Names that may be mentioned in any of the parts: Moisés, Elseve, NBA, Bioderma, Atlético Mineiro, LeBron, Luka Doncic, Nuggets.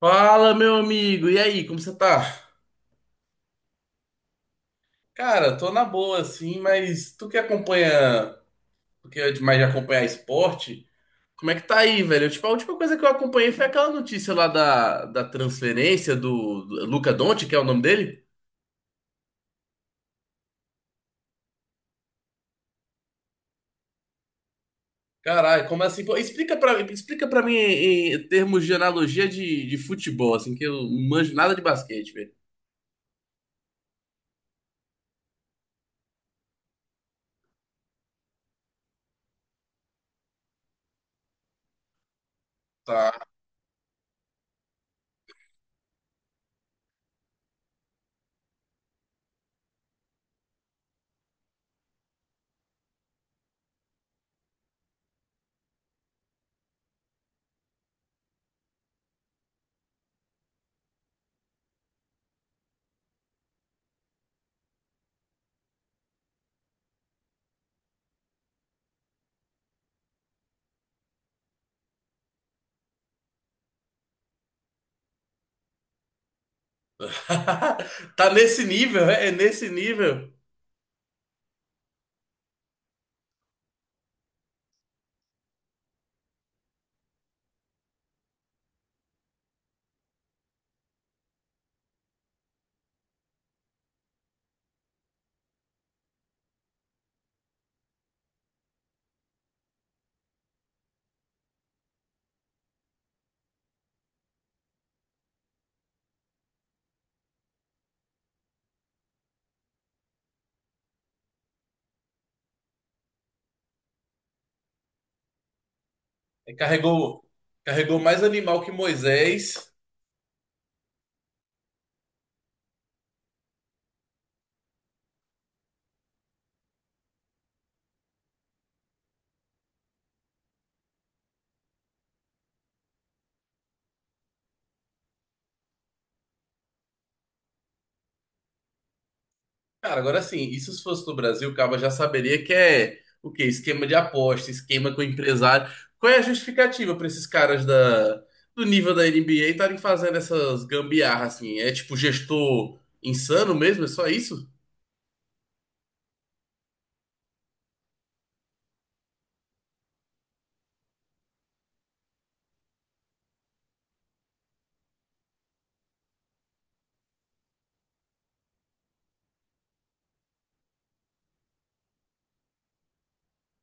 Fala, meu amigo. E aí, como você tá? Cara, tô na boa, assim, mas tu que acompanha, tu que é demais de acompanhar esporte, como é que tá aí, velho? Tipo, a última coisa que eu acompanhei foi aquela notícia lá da transferência do Luka Doncic, que é o nome dele? Caralho, como assim? Pô, explica pra mim em termos de analogia de futebol, assim, que eu não manjo nada de basquete, velho. Tá. Tá nesse nível, é nesse nível. Carregou, carregou mais animal que Moisés. Cara, agora assim, isso se fosse no Brasil, o Caba já saberia que é o quê? Esquema de aposta, esquema com empresário. Qual é a justificativa para esses caras do nível da NBA estarem fazendo essas gambiarras assim? É tipo gestor insano mesmo? É só isso?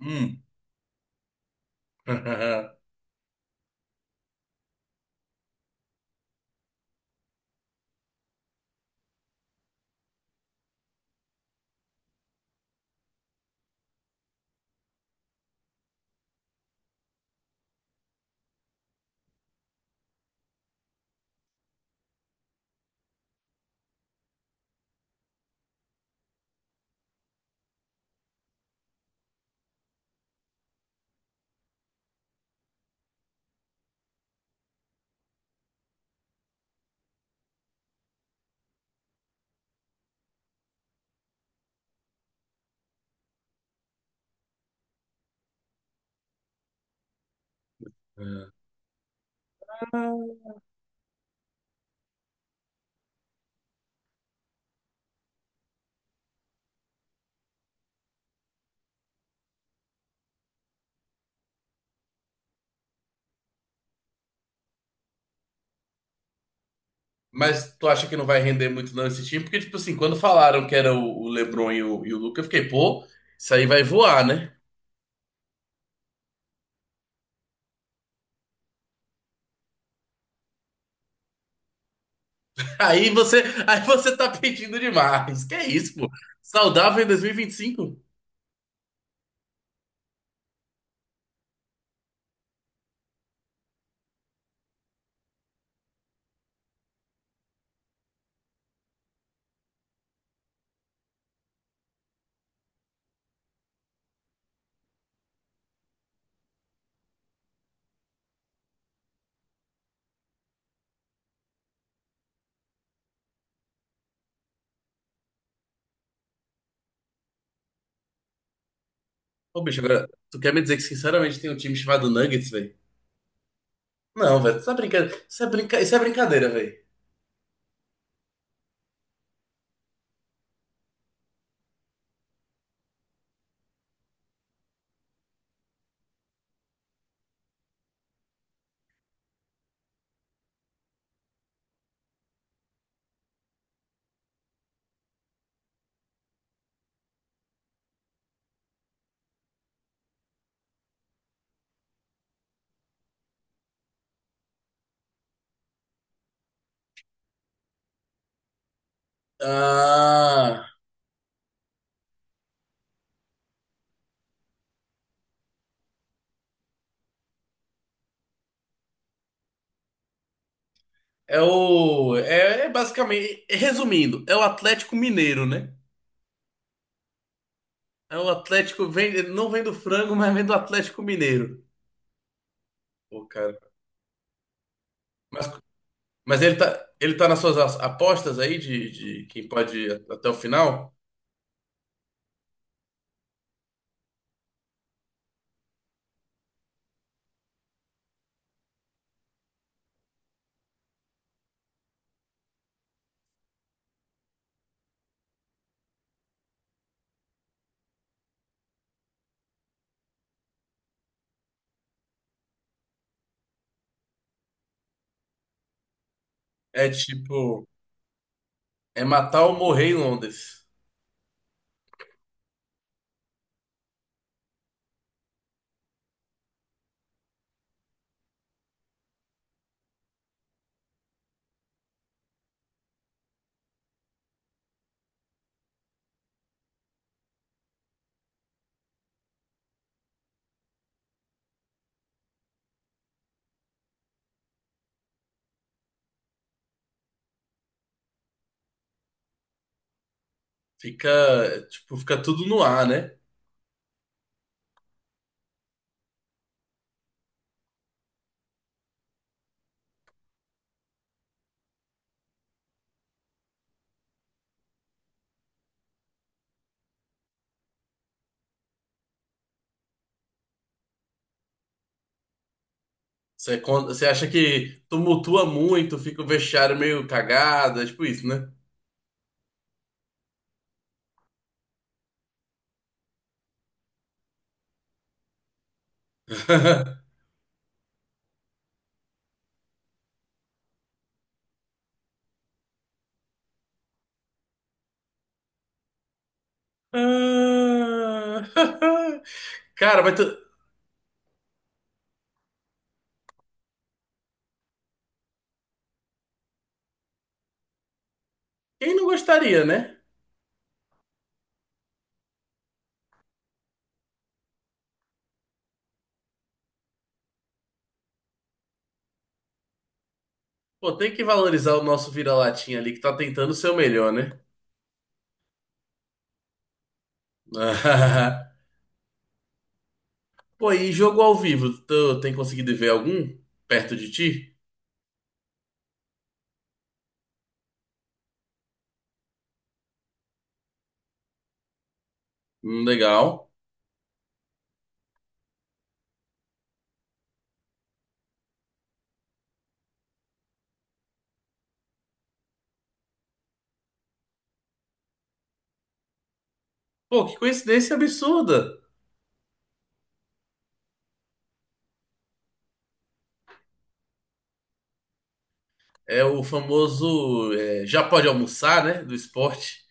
Hum. Mas tu acha que não vai render muito não esse time? Porque, tipo assim, quando falaram que era o LeBron e o Luka, eu fiquei, pô, isso aí vai voar, né? Aí você tá pedindo demais. Que é isso, pô? Saudável em 2025? Ô, bicho, agora, tu quer me dizer que sinceramente tem um time chamado Nuggets, velho? Não, velho, tu tá brincando. Isso é, brinca... Isso é brincadeira, velho. Ah, é o. É, é basicamente. Resumindo, é o Atlético Mineiro, né? É o Atlético. Vem... ele não vem do frango, mas vem do Atlético Mineiro. Pô, cara. Mas, mas ele tá nas suas apostas aí de quem pode ir até o final? É tipo. É matar ou morrer em Londres. Fica, tipo, fica tudo no ar, né? Você, você acha que tumultua muito, fica o vestiário meio cagado, é tipo isso, né? Ah. Cara, quem não gostaria, né? Pô, tem que valorizar o nosso vira-latinha ali que tá tentando ser o melhor, né? Pô, e jogo ao vivo, tu tem conseguido ver algum perto de ti? Legal. Pô, que coincidência absurda. É o famoso é, já pode almoçar, né? Do esporte.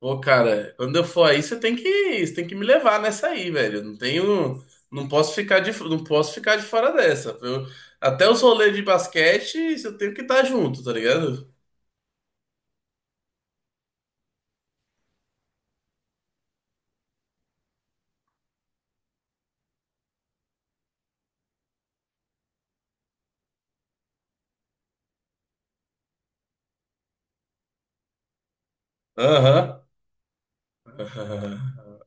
Pô, cara, quando eu for aí, você tem que me levar nessa aí, velho. Eu não tenho, não posso ficar de, não posso ficar de fora dessa. Até os rolês de basquete, eu tenho que estar junto, tá ligado? Aham. Aham.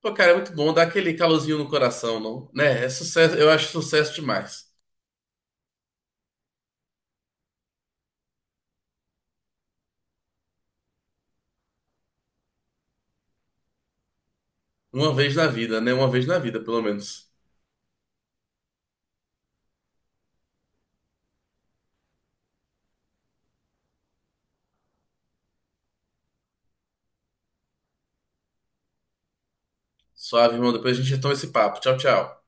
Pô, cara, é muito bom dar aquele calorzinho no coração, não? Né? É sucesso, eu acho sucesso demais. Uma vez na vida, né? Uma vez na vida, pelo menos. Suave, irmão. Depois a gente retoma esse papo. Tchau, tchau.